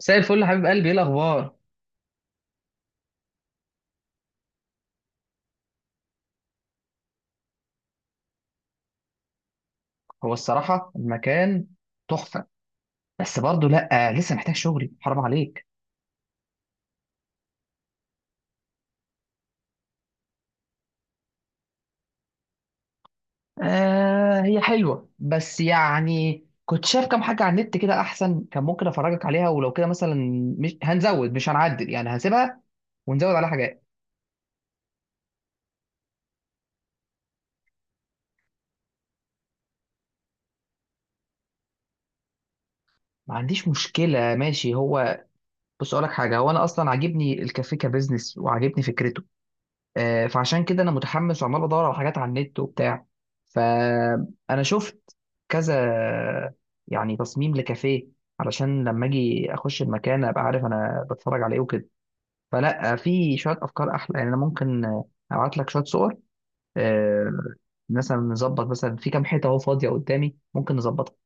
مساء الفل يا حبيب قلبي، ايه الاخبار؟ هو الصراحه المكان تحفه. بس برضه لا، لسه محتاج شغلي، حرام عليك. آه هي حلوه، بس يعني كنت شايف كام حاجه على النت كده احسن، كان ممكن افرجك عليها ولو كده مثلا. مش هنزود، مش هنعدل، يعني هسيبها ونزود عليها حاجات. ما عنديش مشكله، ماشي. هو بص اقول لك حاجه، هو انا اصلا عاجبني الكافيه كبزنس وعاجبني فكرته. فعشان كده انا متحمس وعمال بدور على حاجات على النت وبتاع. فانا شفت كذا يعني تصميم لكافيه، علشان لما اجي اخش المكان ابقى عارف انا بتفرج على ايه وكده. فلا، في شويه افكار احلى، يعني انا ممكن ابعت لك شويه صور. آه، مثلا نظبط، مثلا في كام حته اهو فاضيه قدامي ممكن نظبطها.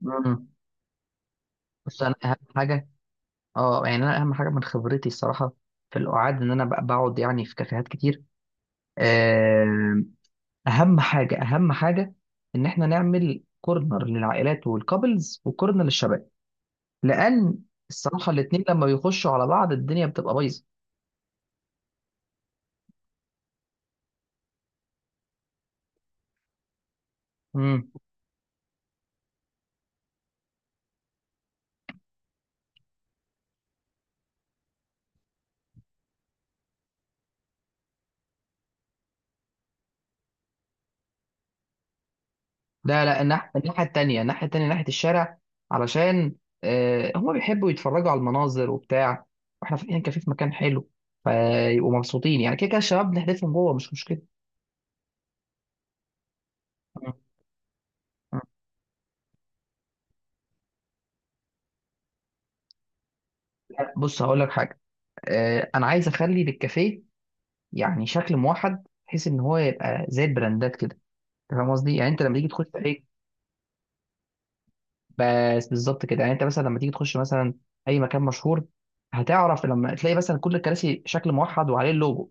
مم. بس انا اهم حاجه، اه يعني انا اهم حاجه من خبرتي الصراحه في القعاد، ان انا بقعد يعني في كافيهات كتير. آه، اهم حاجه اهم حاجه ان احنا نعمل كورنر للعائلات والكابلز وكورنر للشباب، لان الصراحه الاثنين لما بيخشوا على بعض الدنيا بتبقى بايظه. امم. لا لا، الناحيه التانيه، الناحيه التانيه، ناحيه الشارع، علشان هم بيحبوا يتفرجوا على المناظر وبتاع، واحنا فاتحين كافيه في مكان حلو، فيبقوا مبسوطين. يعني كده كده الشباب بنحذفهم جوه، مش مشكله. مم. مم. لا، بص هقول لك حاجه، انا عايز اخلي للكافيه يعني شكل موحد، بحيث ان هو يبقى زي البراندات كده. أنت فاهم قصدي؟ يعني انت لما تيجي تخش اي، بس بالظبط كده. يعني انت مثلا لما تيجي تخش مثلا اي مكان مشهور، هتعرف لما تلاقي مثلا كل الكراسي شكل موحد وعليه اللوجو،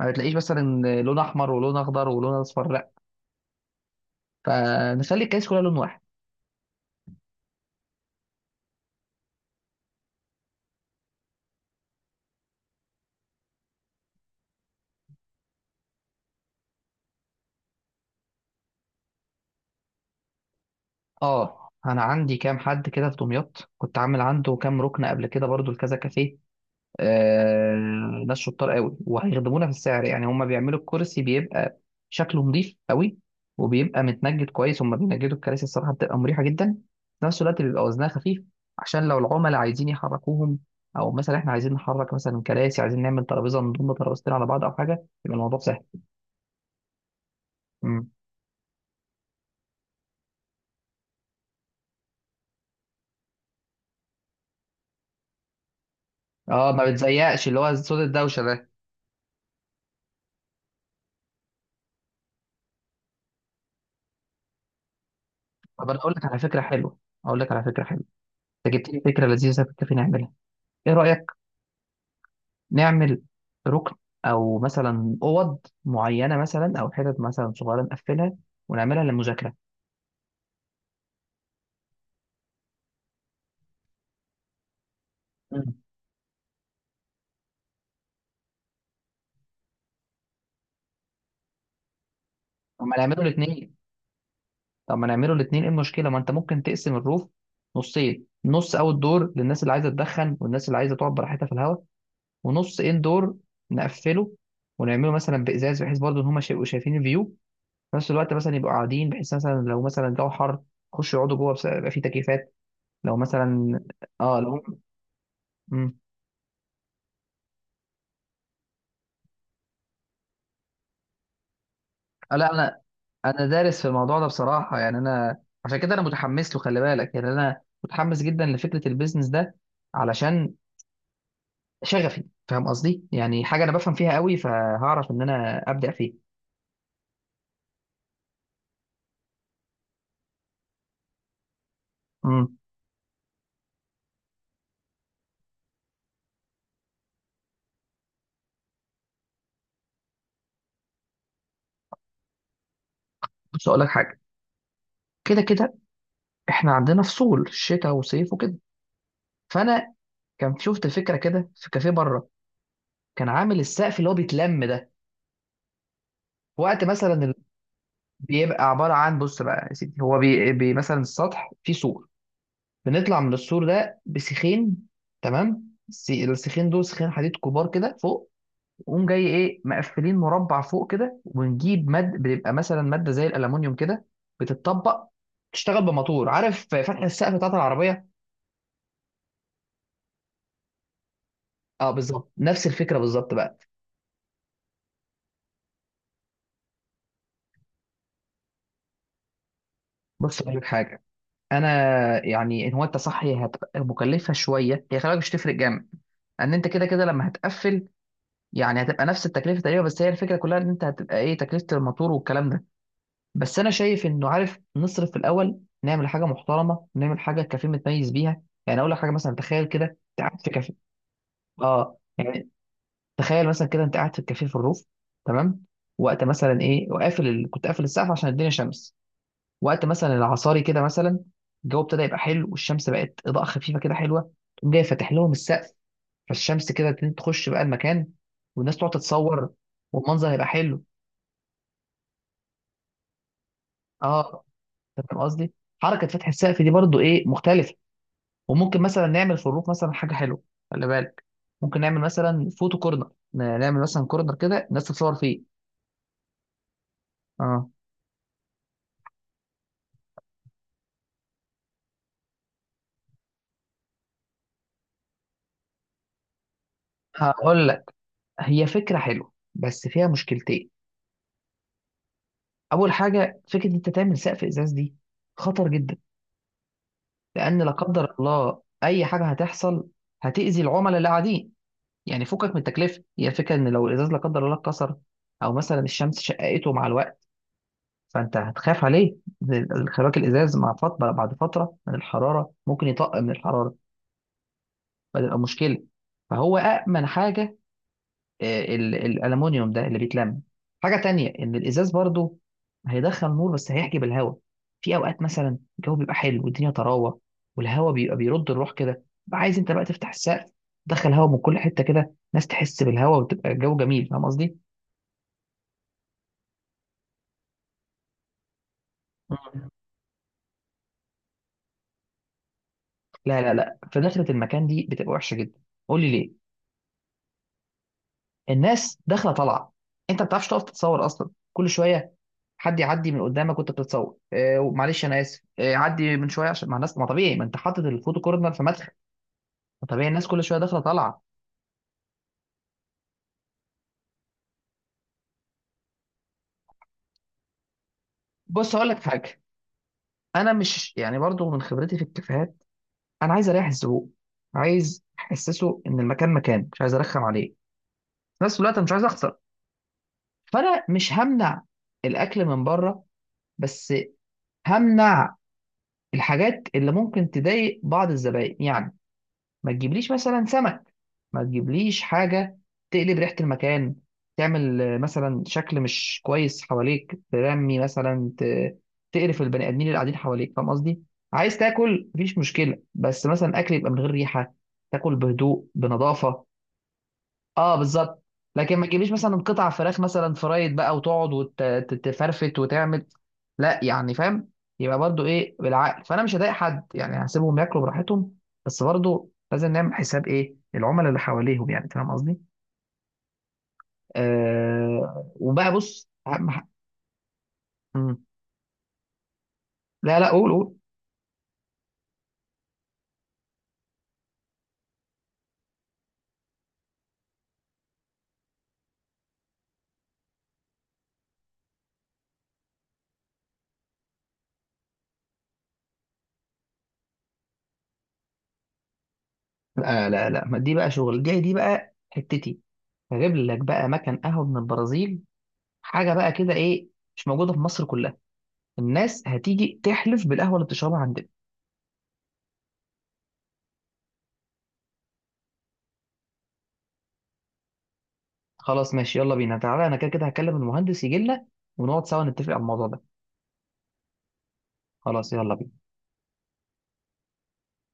ما بتلاقيش مثلا لون احمر ولون اخضر ولون اصفر، لا. فنخلي الكراسي كلها لون واحد. اه، انا عندي كام حد كده في دمياط، كنت عامل عنده كام ركن قبل كده برضو لكذا كافيه. آه، ناس شطار قوي وهيخدمونا في السعر. يعني هما بيعملوا الكرسي، بيبقى شكله نظيف قوي، وبيبقى متنجد كويس. هما بينجدوا الكراسي الصراحه بتبقى مريحه جدا، في نفس الوقت بيبقى وزنها خفيف، عشان لو العملاء عايزين يحركوهم، او مثلا احنا عايزين نحرك مثلا كراسي، عايزين نعمل ترابيزه نضم ترابيزتين على بعض او حاجه، يبقى الموضوع سهل. مم. اه، ما بتزيقش اللي هو صوت الدوشه ده. طب انا اقول لك على فكره حلوه، اقول لك على فكره حلوه. انت جبت لي فكره لذيذه كنت نعملها. ايه رايك نعمل ركن، او مثلا اوض معينه، مثلا، او حتت مثلا صغيره نقفلها ونعملها للمذاكره؟ مم. طب ما نعمله الاثنين، طب ما نعمله الاثنين، ايه المشكله؟ ما انت ممكن تقسم الروف نصين: نص اوت دور للناس اللي عايزه تدخن والناس اللي عايزه تقعد براحتها في الهواء، ونص ان دور نقفله ونعمله مثلا بازاز، بحيث برضه ان هم يبقوا شايفين الفيو، في نفس الوقت مثلا يبقوا قاعدين. بحيث مثلا لو مثلا الجو حر يخشوا يقعدوا جوه، يبقى في تكييفات. لو مثلا اه لو. مم. لا، انا دارس في الموضوع ده بصراحه. يعني انا عشان كده انا متحمس له، خلي بالك، يعني انا متحمس جدا لفكره البيزنس ده علشان شغفي. فاهم قصدي؟ يعني حاجه انا بفهم فيها قوي، فهعرف ان انا ابدا فيها. امم. بص اقول لك حاجه، كده كده احنا عندنا فصول شتاء وصيف وكده، فانا كان شفت فكره كده في كافيه بره، كان عامل السقف اللي هو بيتلم ده. وقت مثلا بيبقى عباره عن، بص بقى يا سيدي، هو بي مثلا السطح فيه سور، بنطلع من السور ده بسيخين. تمام، السيخين دول سيخين حديد كبار كده فوق، ونقوم جاي ايه مقفلين مربع فوق كده، ونجيب ماد بتبقى مثلا ماده زي الالومنيوم كده بتتطبق، تشتغل بموتور، عارف فتح السقف بتاعت العربيه. اه بالظبط، نفس الفكره بالظبط بقى. بص اقول لك حاجه، انا يعني ان هو انت صح، هي هتبقى مكلفه شويه، هي خلي بالك مش تفرق جامد، ان انت كده كده لما هتقفل يعني هتبقى نفس التكلفه تقريبا. بس هي الفكره كلها ان انت هتبقى ايه تكلفه الموتور والكلام ده. بس انا شايف انه عارف، نصرف في الاول نعمل حاجه محترمه، نعمل حاجه الكافيه متميز بيها. يعني اقول لك حاجه، مثلا تخيل كده انت قاعد في كافيه. اه يعني تخيل مثلا كده انت قاعد في الكافيه في الروف، تمام، وقت مثلا ايه وقافل كنت قافل السقف عشان الدنيا شمس، وقت مثلا العصاري كده مثلا، الجو ابتدى يبقى حلو والشمس بقت اضاءه خفيفه كده حلوه. تقوم جاي فاتح لهم السقف، فالشمس كده تبتدي تخش بقى المكان، والناس تقعد تتصور، والمنظر هيبقى حلو. اه، أنت فاهم قصدي؟ حركه فتح السقف دي برضو ايه مختلفه. وممكن مثلا نعمل في الروف مثلا حاجه حلوه، خلي بالك، ممكن نعمل مثلا فوتو كورنر، نعمل مثلا كورنر كده الناس تتصور فيه. اه هقول لك، هي فكره حلوه بس فيها مشكلتين. اول حاجه، فكره إن انت تعمل سقف ازاز دي خطر جدا، لان لا قدر الله اي حاجه هتحصل هتاذي العملاء اللي قاعدين. يعني فكك من التكلفه، هي الفكره ان لو الازاز لا قدر الله اتكسر، او مثلا الشمس شققته مع الوقت، فانت هتخاف عليه. خراك الازاز مع فتره بعد فتره من الحراره ممكن يطق من الحراره، فتبقى مشكله. فهو أأمن حاجه الألمونيوم ده اللي بيتلم. حاجه تانية، ان الازاز برضو هيدخل نور بس هيحجب الهواء. في اوقات مثلا الجو بيبقى حلو والدنيا طراوه، والهواء بيبقى بيرد الروح كده، بقى عايز انت بقى تفتح السقف تدخل هواء من كل حته كده، ناس تحس بالهواء وتبقى الجو جميل. فاهم قصدي؟ مم. لا لا لا، في دخلة المكان دي بتبقى وحشه جدا. قول لي ليه؟ الناس داخله طالعه، انت ما بتعرفش تقف تتصور اصلا، كل شويه حد يعدي من قدامك وانت بتتصور. آه معلش انا اسف، آه عدي من شويه. عشان مع الناس ما طبيعي، ما انت حاطط الفوتو كورنر في مدخل، ما طبيعي الناس كل شويه داخله طالعه. بص هقول لك حاجه، انا مش يعني برضو من خبرتي في الكافيهات، انا عايز اريح الزبون، عايز احسسه ان المكان مكان، مش عايز ارخم عليه. في نفس الوقت أنا مش عايز اخسر، فانا مش همنع الاكل من بره، بس همنع الحاجات اللي ممكن تضايق بعض الزبائن. يعني ما تجيبليش مثلا سمك، ما تجيبليش حاجة تقلب ريحة المكان، تعمل مثلا شكل مش كويس حواليك، ترمي مثلا، تقرف البني آدمين اللي قاعدين حواليك. فاهم قصدي؟ عايز تاكل مفيش مشكلة، بس مثلا أكل يبقى من غير ريحة، تاكل بهدوء بنظافة. اه بالظبط. لكن ما تجيبليش مثلا قطع فراخ مثلا فرايد بقى، وتقعد وتفرفت وتعمل، لا يعني، فاهم؟ يبقى برضو ايه بالعقل. فانا مش هضايق حد يعني، هسيبهم ياكلوا براحتهم، بس برضو لازم نعمل حساب ايه العملاء اللي حواليهم. يعني فاهم قصدي؟ وبقى بص، اهم حاجه. مم. لا لا، قول قول. لا لا لا، ما دي بقى شغل، دي بقى حتتي. هجيب لك بقى مكان قهوه من البرازيل، حاجه بقى كده، ايه، مش موجوده في مصر كلها. الناس هتيجي تحلف بالقهوه اللي بتشربها عندنا. خلاص ماشي، يلا بينا تعالى، انا كده كده هكلم المهندس يجي لنا ونقعد سوا نتفق على الموضوع ده. خلاص، يلا بينا.